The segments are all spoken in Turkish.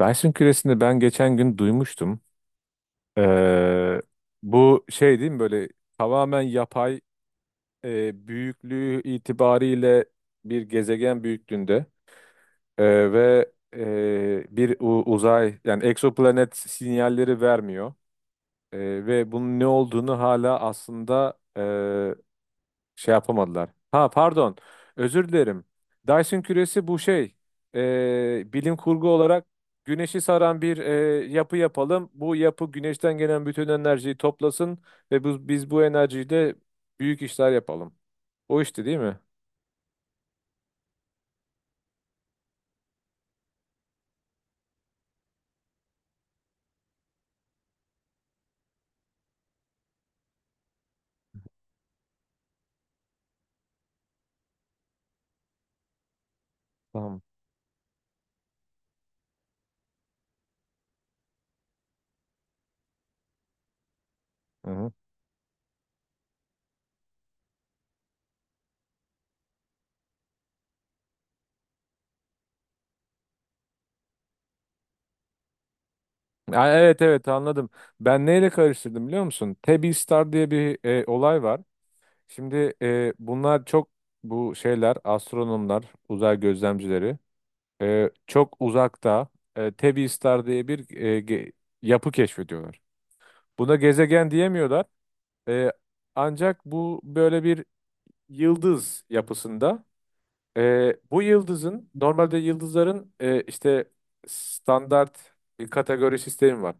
Benson küresini ben geçen gün duymuştum. Ee, Bu şey değil mi? Böyle tamamen yapay, büyüklüğü itibariyle bir gezegen büyüklüğünde. Bir uzay, yani egzoplanet sinyalleri vermiyor. E, Ve bunun ne olduğunu hala aslında şey yapamadılar. Ha, pardon. Özür dilerim. Dyson küresi bu şey. Bilim kurgu olarak güneşi saran bir yapı yapalım. Bu yapı güneşten gelen bütün enerjiyi toplasın ve biz bu enerjiyle büyük işler yapalım. O işte değil mi? Tamam. Hı hı. Ha, evet, evet, anladım. Ben neyle karıştırdım biliyor musun? Tebby Star diye bir olay var. Şimdi bunlar çok, bu şeyler astronomlar, uzay gözlemcileri. Çok uzakta Tebby Star diye bir yapı keşfediyorlar. Buna gezegen diyemiyorlar. E, Ancak bu böyle bir yıldız yapısında. Bu yıldızın, normalde yıldızların işte standart bir kategori sistemi var.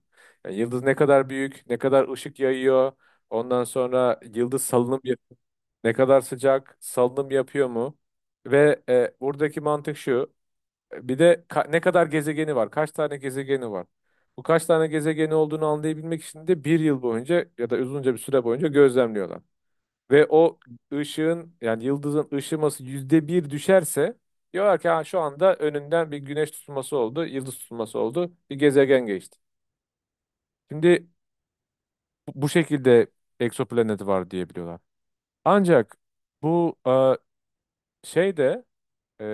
Yani yıldız ne kadar büyük, ne kadar ışık yayıyor, ondan sonra yıldız salınım, ne kadar sıcak, salınım yapıyor mu? Ve buradaki mantık şu. Bir de ne kadar gezegeni var? Kaç tane gezegeni var? Bu kaç tane gezegeni olduğunu anlayabilmek için de bir yıl boyunca ya da uzunca bir süre boyunca gözlemliyorlar. Ve o ışığın, yani yıldızın ışıması yüzde bir düşerse diyorlar ki, ha, şu anda önünden bir güneş tutulması oldu, yıldız tutulması oldu, bir gezegen geçti. Şimdi bu şekilde egzoplaneti var diyebiliyorlar. Ancak bu şeyde, e,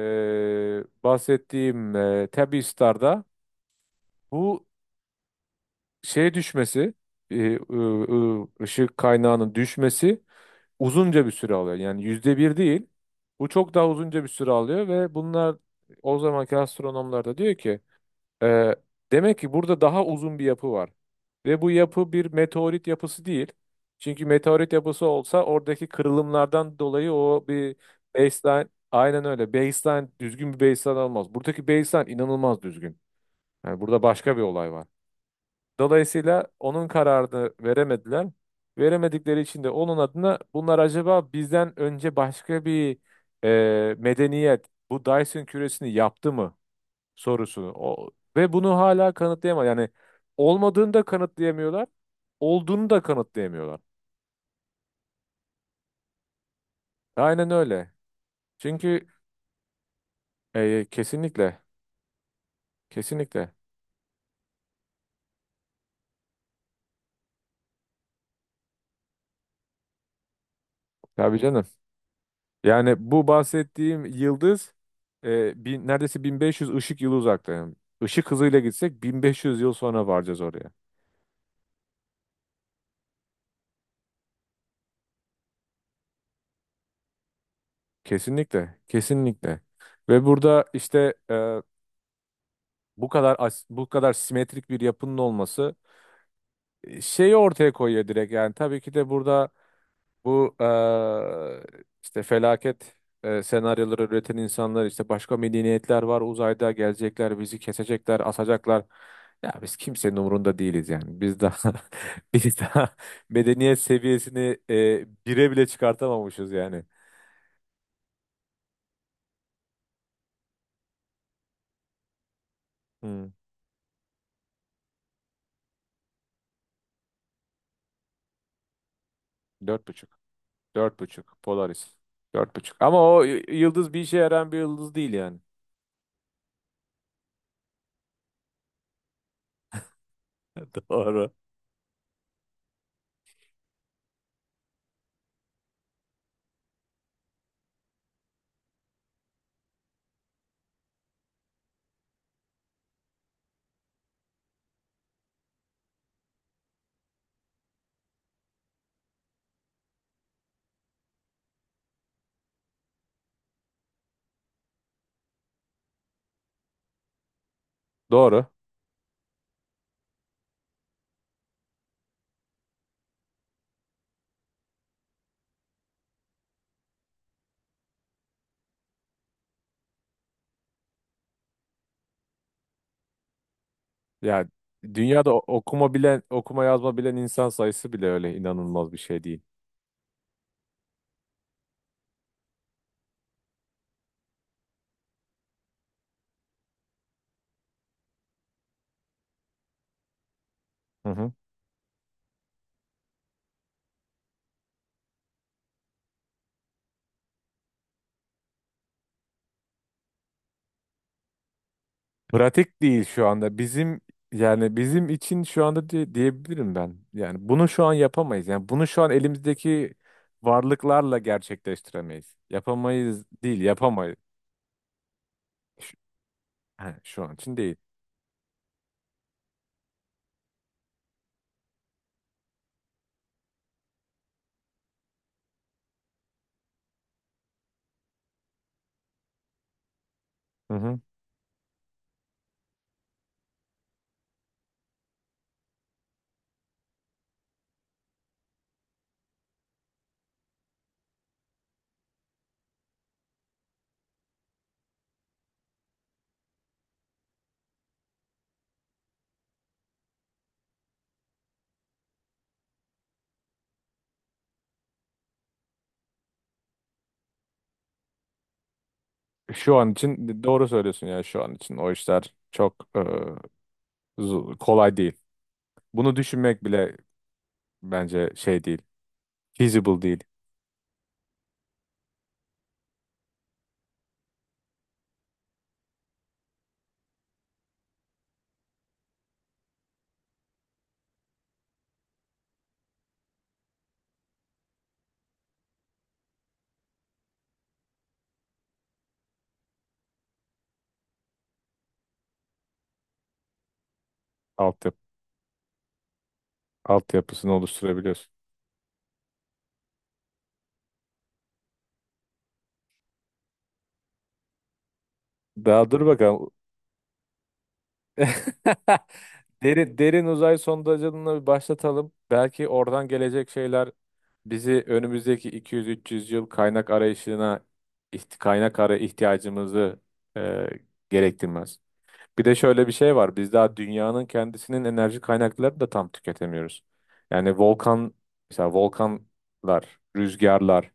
bahsettiğim Tabby Star'da bu şey düşmesi, e, ı- ışık kaynağının düşmesi uzunca bir süre alıyor. Yani yüzde bir değil. Bu çok daha uzunca bir süre alıyor ve bunlar, o zamanki astronomlar da diyor ki, e, demek ki burada daha uzun bir yapı var. Ve bu yapı bir meteorit yapısı değil. Çünkü meteorit yapısı olsa oradaki kırılımlardan dolayı o bir baseline, aynen öyle. Baseline düzgün bir baseline olmaz. Buradaki baseline inanılmaz düzgün. Yani burada başka bir olay var. Dolayısıyla onun kararını veremediler. Veremedikleri için de onun adına bunlar acaba bizden önce başka bir medeniyet bu Dyson küresini yaptı mı sorusunu. Ve bunu hala kanıtlayamadı. Yani olmadığını da kanıtlayamıyorlar, olduğunu da kanıtlayamıyorlar. Aynen öyle. Çünkü kesinlikle, kesinlikle. Tabii canım. Yani bu bahsettiğim yıldız neredeyse 1500 ışık yılı uzakta. Yani ışık hızıyla gitsek 1500 yıl sonra varacağız oraya. Kesinlikle, kesinlikle. Ve burada işte bu kadar bu kadar simetrik bir yapının olması şeyi ortaya koyuyor direkt. Yani tabii ki de burada. Bu işte felaket senaryoları üreten insanlar işte başka medeniyetler var uzayda, gelecekler bizi kesecekler, asacaklar. Ya biz kimsenin umurunda değiliz yani. Biz daha Biz daha medeniyet seviyesini bire bile çıkartamamışız yani. Hmm, dört buçuk. Dört buçuk. Polaris. Dört buçuk. Ama o yıldız bir işe yarayan bir yıldız değil yani. Doğru. Doğru. Ya dünyada okuma yazma bilen insan sayısı bile öyle inanılmaz bir şey değil. Hı hı. Pratik değil şu anda. Yani bizim için şu anda diyebilirim ben. Yani bunu şu an yapamayız. Yani bunu şu an elimizdeki varlıklarla gerçekleştiremeyiz. Yapamayız değil, yapamayız. Şu, he, şu an için değil. Hı hı. Şu an için doğru söylüyorsun ya, şu an için o işler çok kolay değil. Bunu düşünmek bile bence şey değil. Feasible değil. Altyapı, altyapısını oluşturabiliyorsun. Daha dur bakalım. Derin uzay sondajını bir başlatalım. Belki oradan gelecek şeyler bizi önümüzdeki 200-300 yıl kaynak arayışına iht- kaynak ara ihtiyacımızı e, gerektirmez. Bir de şöyle bir şey var. Biz daha dünyanın kendisinin enerji kaynaklarını da tam tüketemiyoruz. Yani mesela volkanlar, rüzgarlar.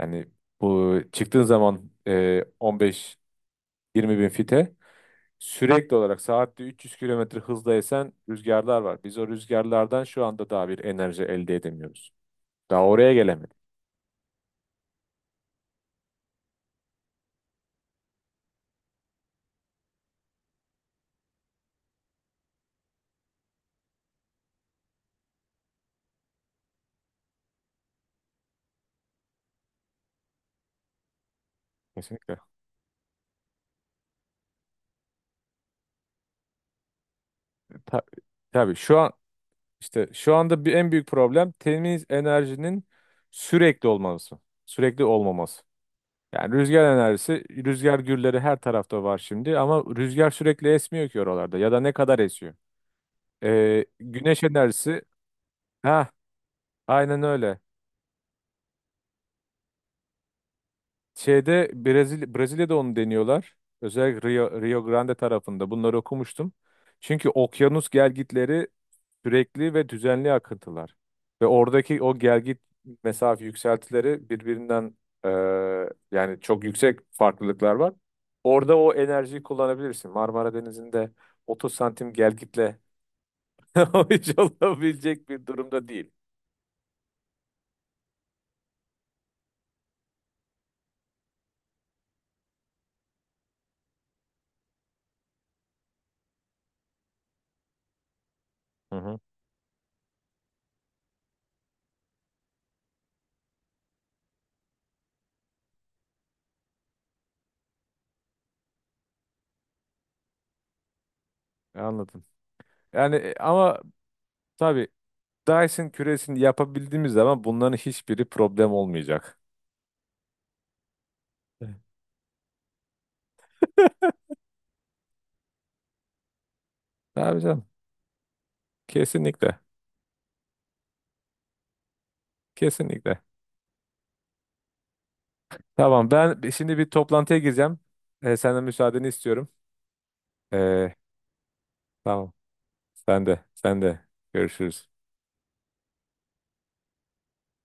Yani bu çıktığın zaman 15-20 bin fite. Sürekli olarak saatte 300 kilometre hızla esen rüzgarlar var. Biz o rüzgarlardan şu anda daha bir enerji elde edemiyoruz. Daha oraya gelemedik. Kesinlikle. Ta- tabii şu an işte şu anda bir en büyük problem temiz enerjinin sürekli olması. Sürekli olmaması. Yani rüzgar enerjisi, rüzgar gülleri her tarafta var şimdi ama rüzgar sürekli esmiyor ki oralarda, ya da ne kadar esiyor? Güneş enerjisi, ha, aynen öyle. Şeyde, Brezilya'da onu deniyorlar. Özellikle Rio Grande tarafında. Bunları okumuştum. Çünkü okyanus gelgitleri sürekli ve düzenli akıntılar. Ve oradaki o gelgit mesafe yükseltileri birbirinden e, yani çok yüksek farklılıklar var. Orada o enerjiyi kullanabilirsin. Marmara Denizi'nde 30 santim gelgitle o iş olabilecek bir durumda değil. Hı hı. Anladım. Yani ama tabii Dyson küresini yapabildiğimiz zaman bunların hiçbiri problem olmayacak. Evet. Tabii canım. Kesinlikle. Kesinlikle. Tamam, ben şimdi bir toplantıya gireceğim. Senden müsaadeni istiyorum. Ee, tamam. Sen de. Sen de. Görüşürüz.